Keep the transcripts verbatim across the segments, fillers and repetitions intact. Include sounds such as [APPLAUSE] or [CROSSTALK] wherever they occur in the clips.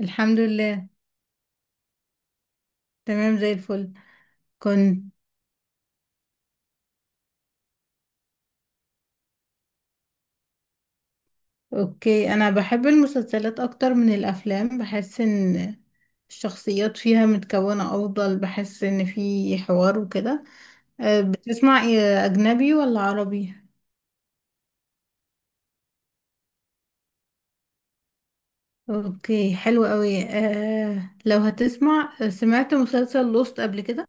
الحمد لله. تمام زي الفل. كنت اوكي، انا بحب المسلسلات اكتر من الافلام، بحس ان الشخصيات فيها متكونة افضل، بحس ان في حوار وكده. أه بتسمع إيه، اجنبي ولا عربي؟ اوكي، حلو قوي. أه لو هتسمع، سمعت مسلسل لوست قبل كده؟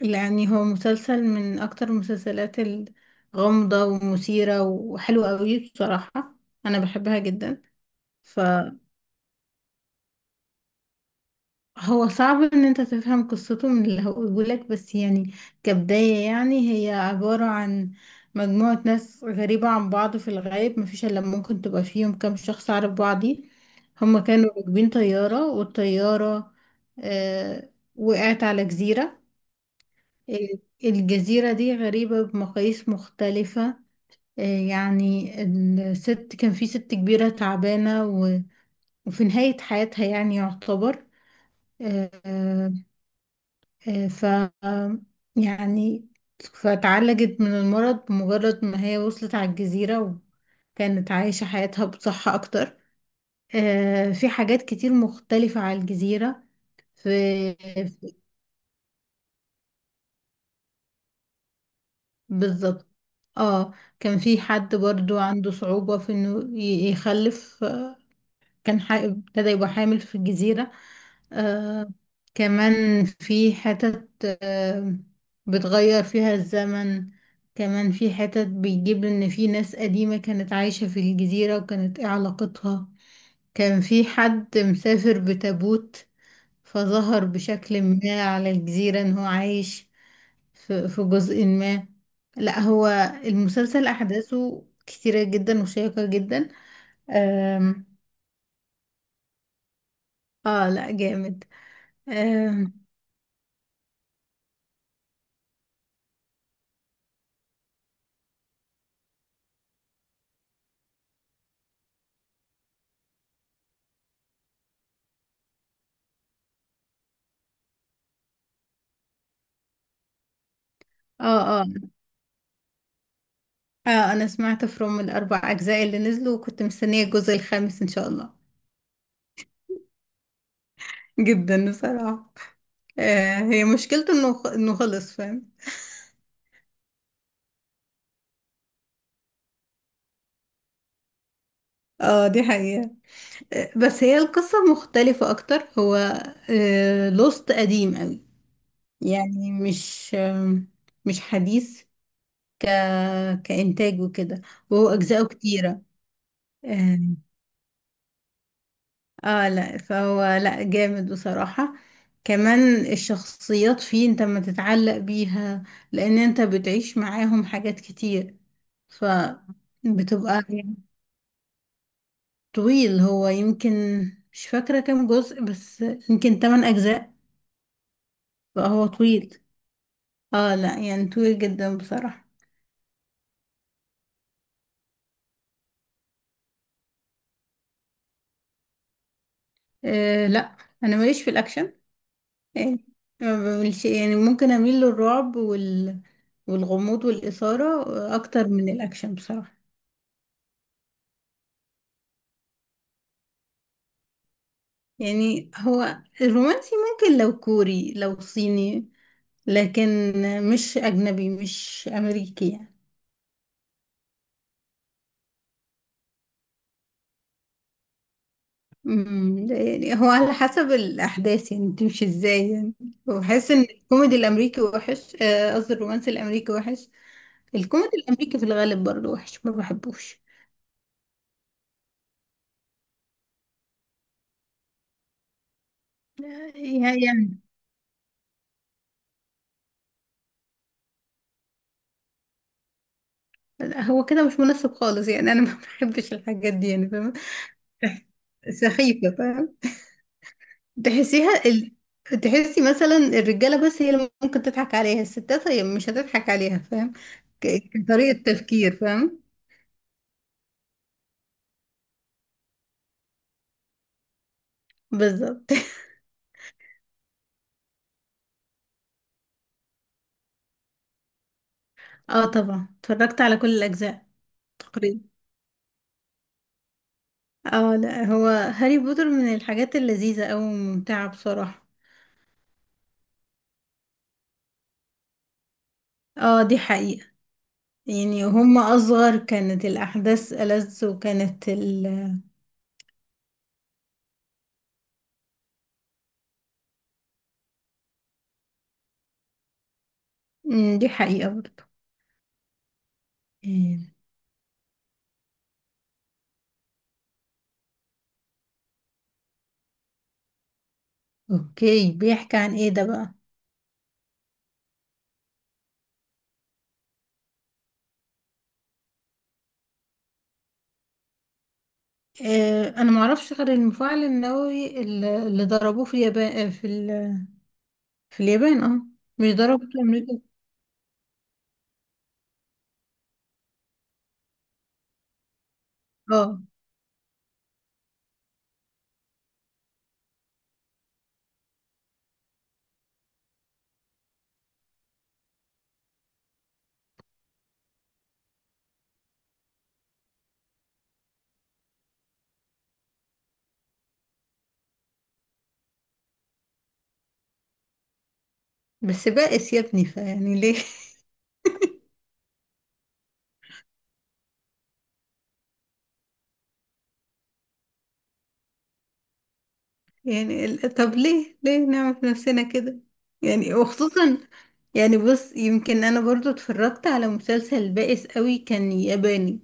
يعني هو مسلسل من اكتر المسلسلات الغامضة ومثيرة وحلوة قوي بصراحة، انا بحبها جدا. ف هو صعب ان انت تفهم قصته من اللي هقولهولك، بس يعني كبداية يعني هي عبارة عن مجموعة ناس غريبة عن بعض، في الغالب مفيش الا ممكن تبقى فيهم كام شخص عارف بعضي. هما كانوا راكبين طيارة، والطيارة آه وقعت على جزيرة. الجزيرة دي غريبة بمقاييس مختلفة. آه، يعني الست، كان في ست كبيرة تعبانة و- وفي نهاية حياتها، يعني يعتبر. آه، آه، آه، ف يعني فتعالجت من المرض بمجرد ما هي وصلت على الجزيرة، وكانت عايشة حياتها بصحة أكتر. آه، في حاجات كتير مختلفة على الجزيرة في في- بالظبط. اه، كان في حد برضو عنده صعوبة في انه ي- يخلف، كان ح- ابتدى يبقى حامل في الجزيرة. آه كمان في حتت آه بتغير فيها الزمن. كمان في حتت بيجيب ان في ناس قديمة كانت عايشة في الجزيرة، وكانت ايه علاقتها. كان في حد مسافر بتابوت، فظهر بشكل ما على الجزيرة ان هو عايش في في جزء ما. لا، هو المسلسل احداثه كتيرة جدا وشيقة جدا. آم، اه لا جامد. آه آه, آه آه أنا سمعت فروم الأربع أجزاء اللي نزلوا، وكنت مستنية الجزء الخامس إن شاء الله. جدا بصراحة. آه هي مشكلته إنه خ- إنه خلص، فاهم. آه، دي حقيقة. آه بس هي القصة مختلفة أكتر. هو آه لوست قديم أوي، يعني مش آه مش حديث. ك كإنتاج وكده، وهو أجزاؤه كتيرة. آه. اه لا، فهو لا جامد بصراحة، كمان الشخصيات فيه انت ما تتعلق بيها، لان انت بتعيش معاهم حاجات كتير، فبتبقى يعني. طويل، هو يمكن مش فاكرة كام جزء، بس يمكن ثمانية اجزاء. فهو طويل، اه لا يعني طويل جدا بصراحة. آه لا، انا ماليش في الاكشن، يعني ما بعملش، يعني ممكن اميل للرعب وال والغموض والإثارة اكتر من الاكشن بصراحة. يعني هو الرومانسي ممكن لو كوري لو صيني، لكن مش أجنبي، مش أمريكي يعني. أمم، يعني هو على حسب الأحداث يعني تمشي ازاي يعني. وبحس إن الكوميدي الأمريكي وحش، آه، قصدي الرومانسي الأمريكي وحش. الكوميدي الأمريكي في الغالب برضه وحش، ما بحبوش يعني. هو كده مش مناسب خالص يعني. أنا [LAUGHS] ما بحبش الحاجات دي يعني، فاهمة، سخيفة. تحسيها ال... تحسي مثلا الرجالة بس هي اللي ممكن تضحك عليها، الستات هي مش هتضحك عليها، فاهم. ك- كطريقة تفكير، فاهم. بالظبط. [LAUGHS] اه طبعا، اتفرجت على كل الأجزاء تقريبا. اه لا، هو هاري بوتر من الحاجات اللذيذة أوي وممتعة بصراحة. اه، دي حقيقة. يعني هما أصغر كانت الأحداث ألذ، وكانت ال... مم، دي حقيقة برضه. إيه. اوكي، بيحكي عن ايه ده بقى؟ آه، انا ما اعرفش غير المفاعل النووي ال- اللي ضربوه في اليابان في ال... في اليابان اه. مش ضربوه في امريكا؟ اه، بس بائس يا ابني، فيعني ليه؟ [LAUGHS] يعني ال- طب ليه، ليه نعمل في نفسنا كده يعني، وخصوصا يعني. بص، يمكن انا برضو اتفرجت على مسلسل بائس قوي كان ياباني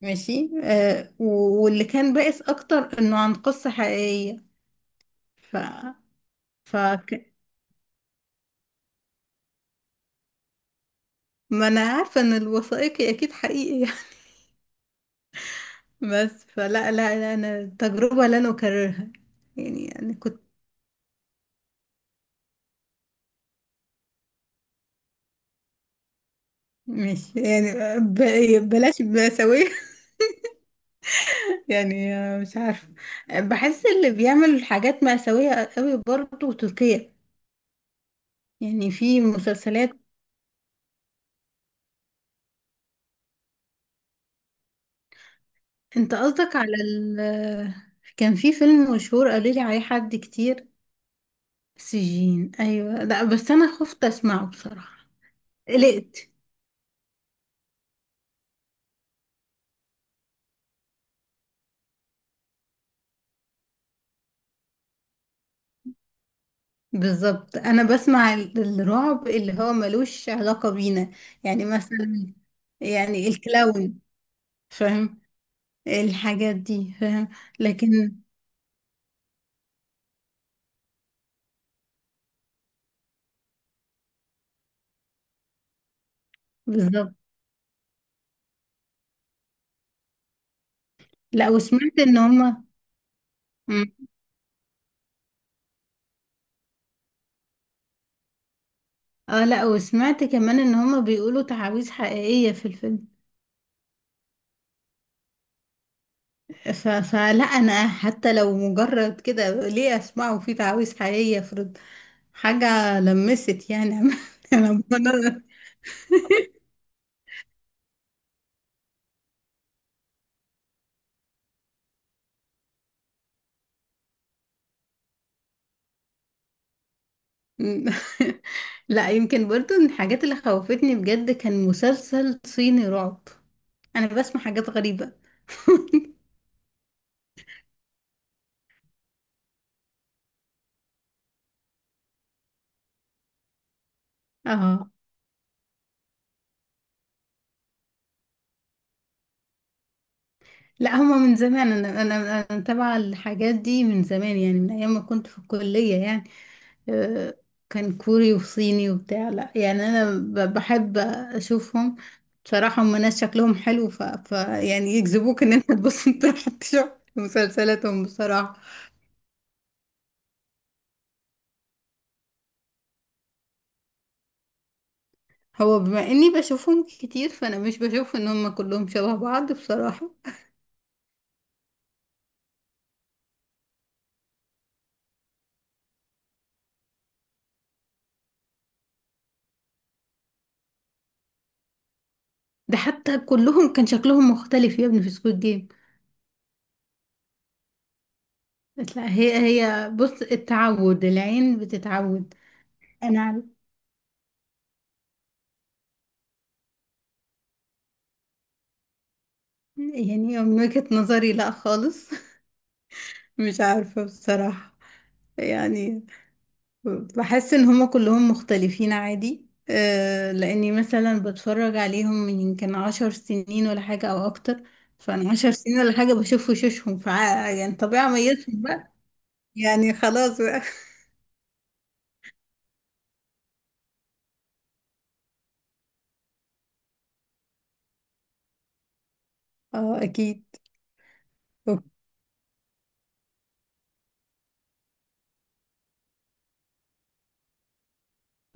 ماشي، آه و- واللي كان بائس اكتر انه عن قصة حقيقية. ف ف ما انا عارفة ان الوثائقي اكيد حقيقي. [LAUGHS] بس فلا، لا، لا، انا تجربة لن اكررها. يعني انا كنت، مش يعني، ب- بلاش مأساوية. [LAUGHS] يعني مش عارفة. بحس اللي بيعمل حاجات مأساوية قوي برضه تركيا، يعني في مسلسلات. انت قصدك على ال كان في فيلم مشهور قالوا لي عليه حد كتير. سجين، ايوه، لا بس انا خفت اسمعه بصراحة، قلقت. بالظبط، انا بسمع ال- الرعب اللي هو ملوش علاقة بينا، يعني مثلا، يعني الكلاون، فاهم، الحاجات دي، فاهم. لكن بالظبط. لا، وسمعت ان هما، مم. اه لا، وسمعت كمان ان هما بيقولوا تعاويذ حقيقية في الفيلم. ف... فلا انا حتى لو مجرد كده، ليه اسمعه؟ في تعاويذ حقيقية، افرض حاجة لمست يعني. [LAUGHS] انا، مم. [LAUGHS] لا، يمكن برضو من الحاجات اللي خوفتني بجد كان مسلسل صيني رعب، انا بسمع حاجات غريبة. اه لا، هما من زمان، انا انا انا متابعة الحاجات دي من زمان، يعني من ايام ما كنت في الكلية يعني. آه، كان كوري وصيني وبتاع، لا يعني انا ب- بحب اشوفهم بصراحة. هما ناس شكلهم حلو، ف... ف يعني يجذبوك ان انت تبص [LAUGHS] تروح تشوف مسلسلاتهم بصراحة. هو بما اني بشوفهم كتير، فانا مش بشوف ان هم كلهم شبه بعض بصراحة. ده حتى كلهم كان شكلهم مختلف يا ابني في سكوت جيم. لا، هي هي بص، التعود العين بتتعود. انا عارف- يعني من وجهة نظري لا خالص. [LAUGHS] مش عارفة بصراحة يعني. بحس ان هما كلهم مختلفين عادي. آه، لاني مثلا بتفرج عليهم من يمكن عشر سنين ولا حاجة او اكتر. فانا عشر سنين ولا حاجة بشوف وشوشهم، فع- يعني طبيعي اميزهم بقى. يعني خلاص بقى. [LAUGHS] اه اكيد. أوك-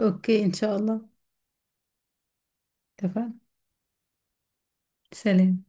اوكي، ان شاء الله. اتفقنا. سلام.